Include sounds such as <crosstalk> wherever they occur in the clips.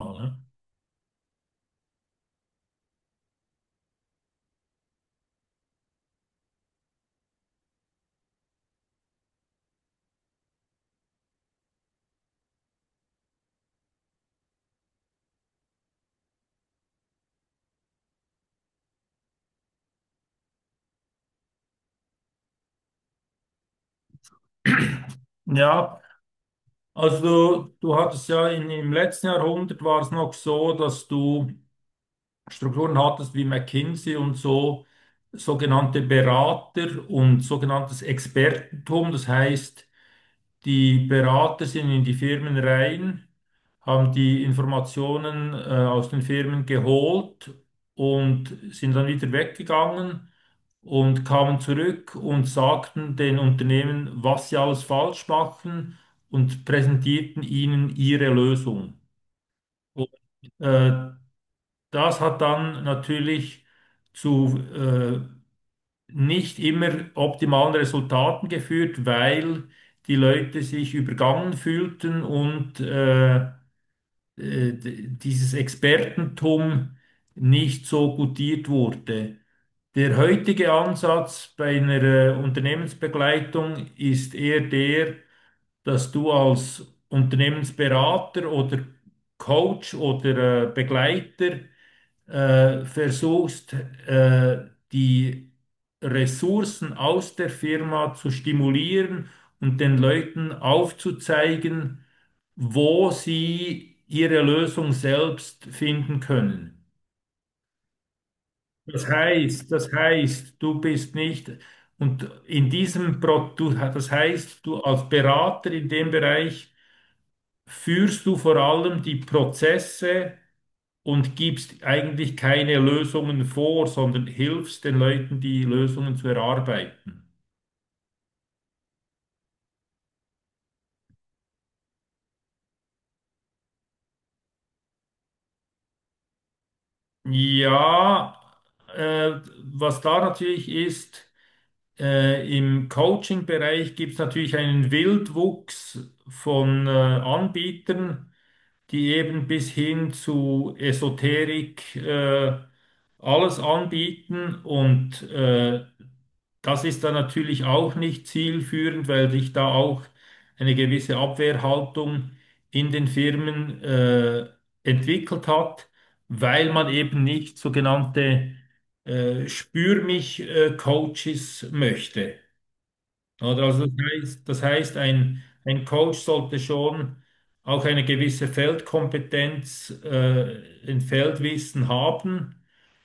Ne? <clears throat> Ja, also du hattest ja im letzten Jahrhundert war es noch so, dass du Strukturen hattest wie McKinsey und so, sogenannte Berater und sogenanntes Expertentum. Das heißt, die Berater sind in die Firmen rein, haben die Informationen aus den Firmen geholt und sind dann wieder weggegangen und kamen zurück und sagten den Unternehmen, was sie alles falsch machen und präsentierten ihnen ihre Lösung. Und äh, das hat dann natürlich zu nicht immer optimalen Resultaten geführt, weil die Leute sich übergangen fühlten und dieses Expertentum nicht so gutiert wurde. Der heutige Ansatz bei einer Unternehmensbegleitung ist eher der, dass du als Unternehmensberater oder Coach oder Begleiter versuchst, äh, die Ressourcen aus der Firma zu stimulieren und den Leuten aufzuzeigen, wo sie ihre Lösung selbst finden können. Das heißt, du bist nicht und in diesem Produkt, das heißt, du als Berater in dem Bereich führst du vor allem die Prozesse und gibst eigentlich keine Lösungen vor, sondern hilfst den Leuten, die Lösungen zu erarbeiten. Ja, was da natürlich ist, im Coaching-Bereich gibt es natürlich einen Wildwuchs von Anbietern, die eben bis hin zu Esoterik alles anbieten und das ist dann natürlich auch nicht zielführend, weil sich da auch eine gewisse Abwehrhaltung in den Firmen entwickelt hat, weil man eben nicht sogenannte Spür mich Coaches möchte. Oder also das heißt, das heißt ein Coach sollte schon auch eine gewisse Feldkompetenz, ein Feldwissen haben,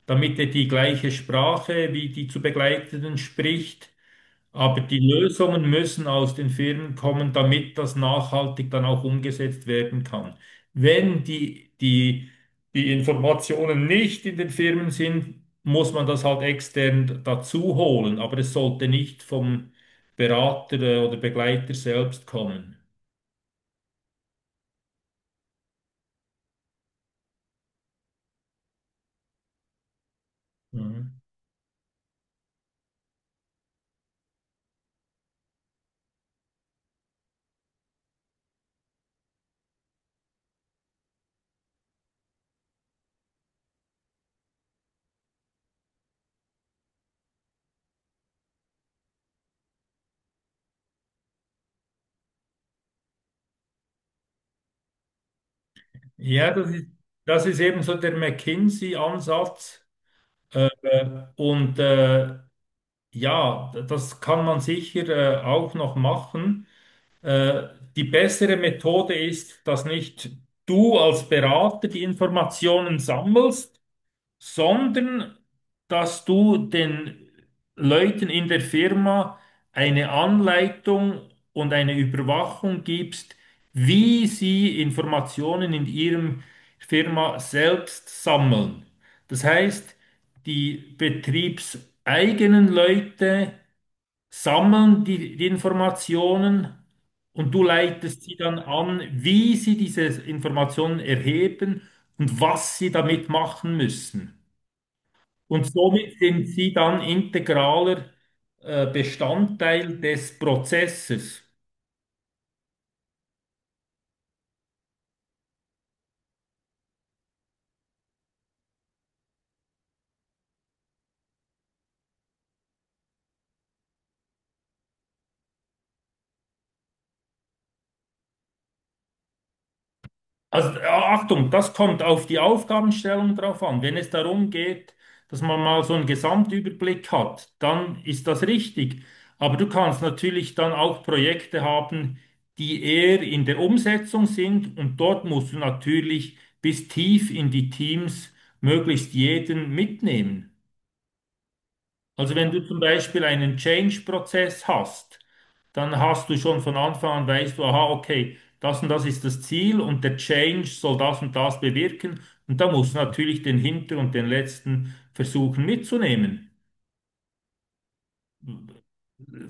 damit er die gleiche Sprache wie die zu Begleitenden spricht, aber die Lösungen müssen aus den Firmen kommen, damit das nachhaltig dann auch umgesetzt werden kann. Wenn die Informationen nicht in den Firmen sind, muss man das halt extern dazu holen, aber es sollte nicht vom Berater oder Begleiter selbst kommen. Mhm. Ja, das ist, das ist eben so der McKinsey-Ansatz. Äh, und äh, ja, das kann man sicher auch noch machen. Äh, die bessere Methode ist, dass nicht du als Berater die Informationen sammelst, sondern dass du den Leuten in der Firma eine Anleitung und eine Überwachung gibst, wie sie Informationen in ihrem Firma selbst sammeln. Das heißt, die betriebseigenen Leute sammeln die Informationen und du leitest sie dann an, wie sie diese Informationen erheben und was sie damit machen müssen. Und somit sind sie dann integraler Bestandteil des Prozesses. Also Achtung, das kommt auf die Aufgabenstellung drauf an. Wenn es darum geht, dass man mal so einen Gesamtüberblick hat, dann ist das richtig. Aber du kannst natürlich dann auch Projekte haben, die eher in der Umsetzung sind, und dort musst du natürlich bis tief in die Teams möglichst jeden mitnehmen. Also wenn du zum Beispiel einen Change-Prozess hast, dann hast du schon von Anfang an, weißt du, aha, okay, das und das ist das Ziel und der Change soll das und das bewirken. Und da musst du natürlich den Hinter- und den letzten versuchen mitzunehmen.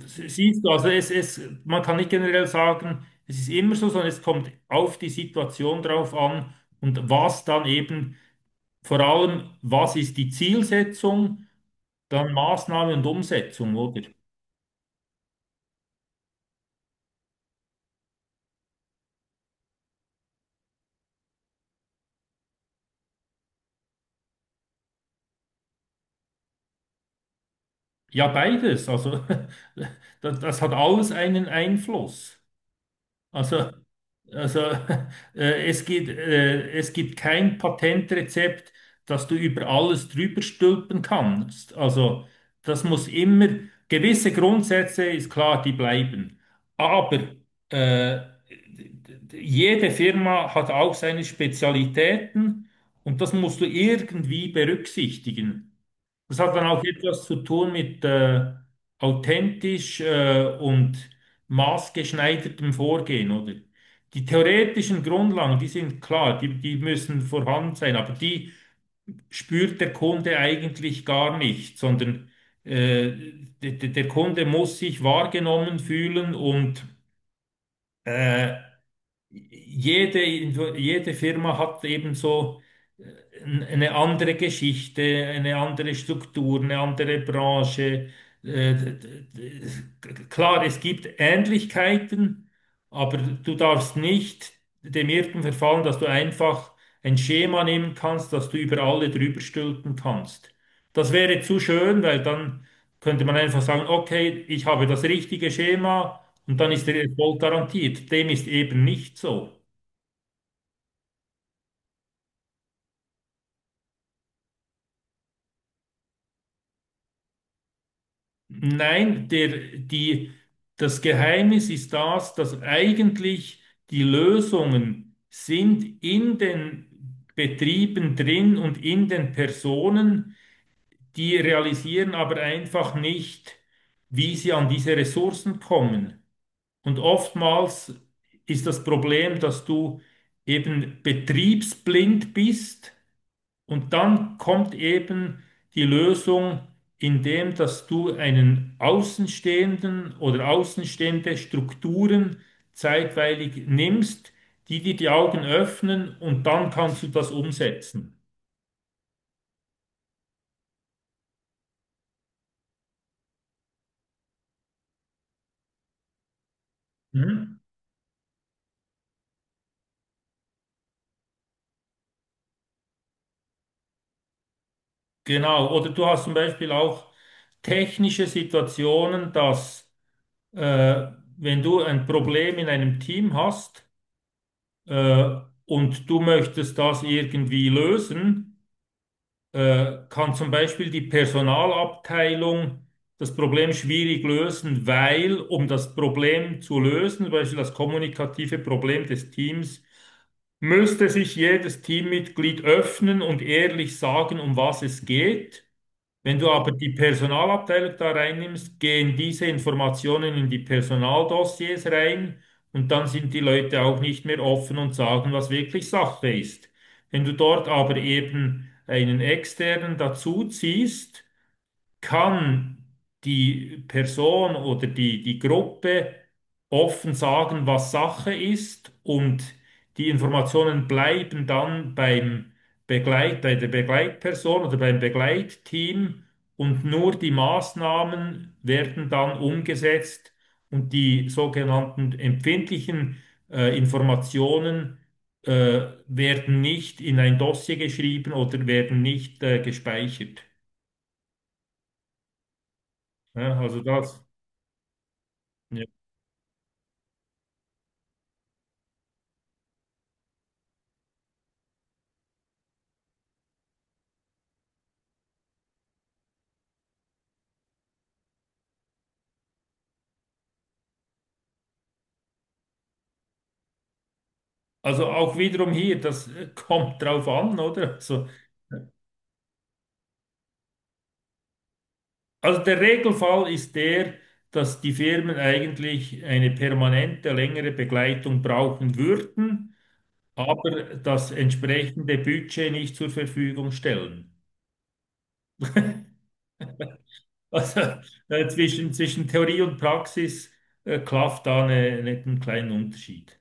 Siehst du, also man kann nicht generell sagen, es ist immer so, sondern es kommt auf die Situation drauf an und was dann eben, vor allem, was ist die Zielsetzung, dann Maßnahme und Umsetzung, oder? Ja, beides. Also <laughs> das hat alles einen Einfluss. Also, also, <laughs> es gibt kein Patentrezept, das du über alles drüber stülpen kannst. Also das muss immer, gewisse Grundsätze ist klar, die bleiben. Aber äh, d- jede Firma hat auch seine Spezialitäten und das musst du irgendwie berücksichtigen. Das hat dann auch etwas zu tun mit authentisch und maßgeschneidertem Vorgehen, oder? Die theoretischen Grundlagen, die sind klar, die müssen vorhanden sein, aber die spürt der Kunde eigentlich gar nicht, sondern äh, der Kunde muss sich wahrgenommen fühlen und äh, jede, jede Firma hat eben so äh, eine andere Geschichte, eine andere Struktur, eine andere Branche. Äh, d- d- d- Klar, es gibt Ähnlichkeiten, aber du darfst nicht dem Irrtum verfallen, dass du einfach ein Schema nehmen kannst, das du über alle drüber stülpen kannst. Das wäre zu schön, weil dann könnte man einfach sagen, okay, ich habe das richtige Schema und dann ist der Erfolg garantiert. Dem ist eben nicht so. Nein, die, das Geheimnis ist das, dass eigentlich die Lösungen sind in den Betrieben drin und in den Personen, die realisieren aber einfach nicht, wie sie an diese Ressourcen kommen. Und oftmals ist das Problem, dass du eben betriebsblind bist und dann kommt eben die Lösung, indem dass du einen Außenstehenden oder außenstehende Strukturen zeitweilig nimmst, die dir die Augen öffnen und dann kannst du das umsetzen. Mhm. Genau. Oder du hast zum Beispiel auch technische Situationen, dass äh, wenn du ein Problem in einem Team hast äh, und du möchtest das irgendwie lösen, kann zum Beispiel die Personalabteilung das Problem schwierig lösen, weil, um das Problem zu lösen, zum Beispiel das kommunikative Problem des Teams, müsste sich jedes Teammitglied öffnen und ehrlich sagen, um was es geht. Wenn du aber die Personalabteilung da reinnimmst, gehen diese Informationen in die Personaldossiers rein und dann sind die Leute auch nicht mehr offen und sagen, was wirklich Sache ist. Wenn du dort aber eben einen externen dazu ziehst, kann die Person oder die Gruppe offen sagen, was Sache ist, und die Informationen bleiben dann beim bei der Begleitperson oder beim Begleitteam, und nur die Maßnahmen werden dann umgesetzt und die sogenannten empfindlichen Informationen werden nicht in ein Dossier geschrieben oder werden nicht gespeichert. Ja, also das. Ja. Also auch wiederum hier, das kommt drauf an, oder? Also der Regelfall ist der, dass die Firmen eigentlich eine permanente, längere Begleitung brauchen würden, aber das entsprechende Budget nicht zur Verfügung stellen. Also zwischen Theorie und Praxis klafft da einen kleinen Unterschied.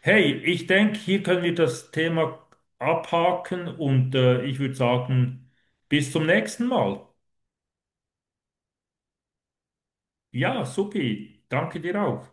Hey, ich denke, hier können wir das Thema abhaken und ich würde sagen, bis zum nächsten Mal. Ja, supi. Danke dir auch.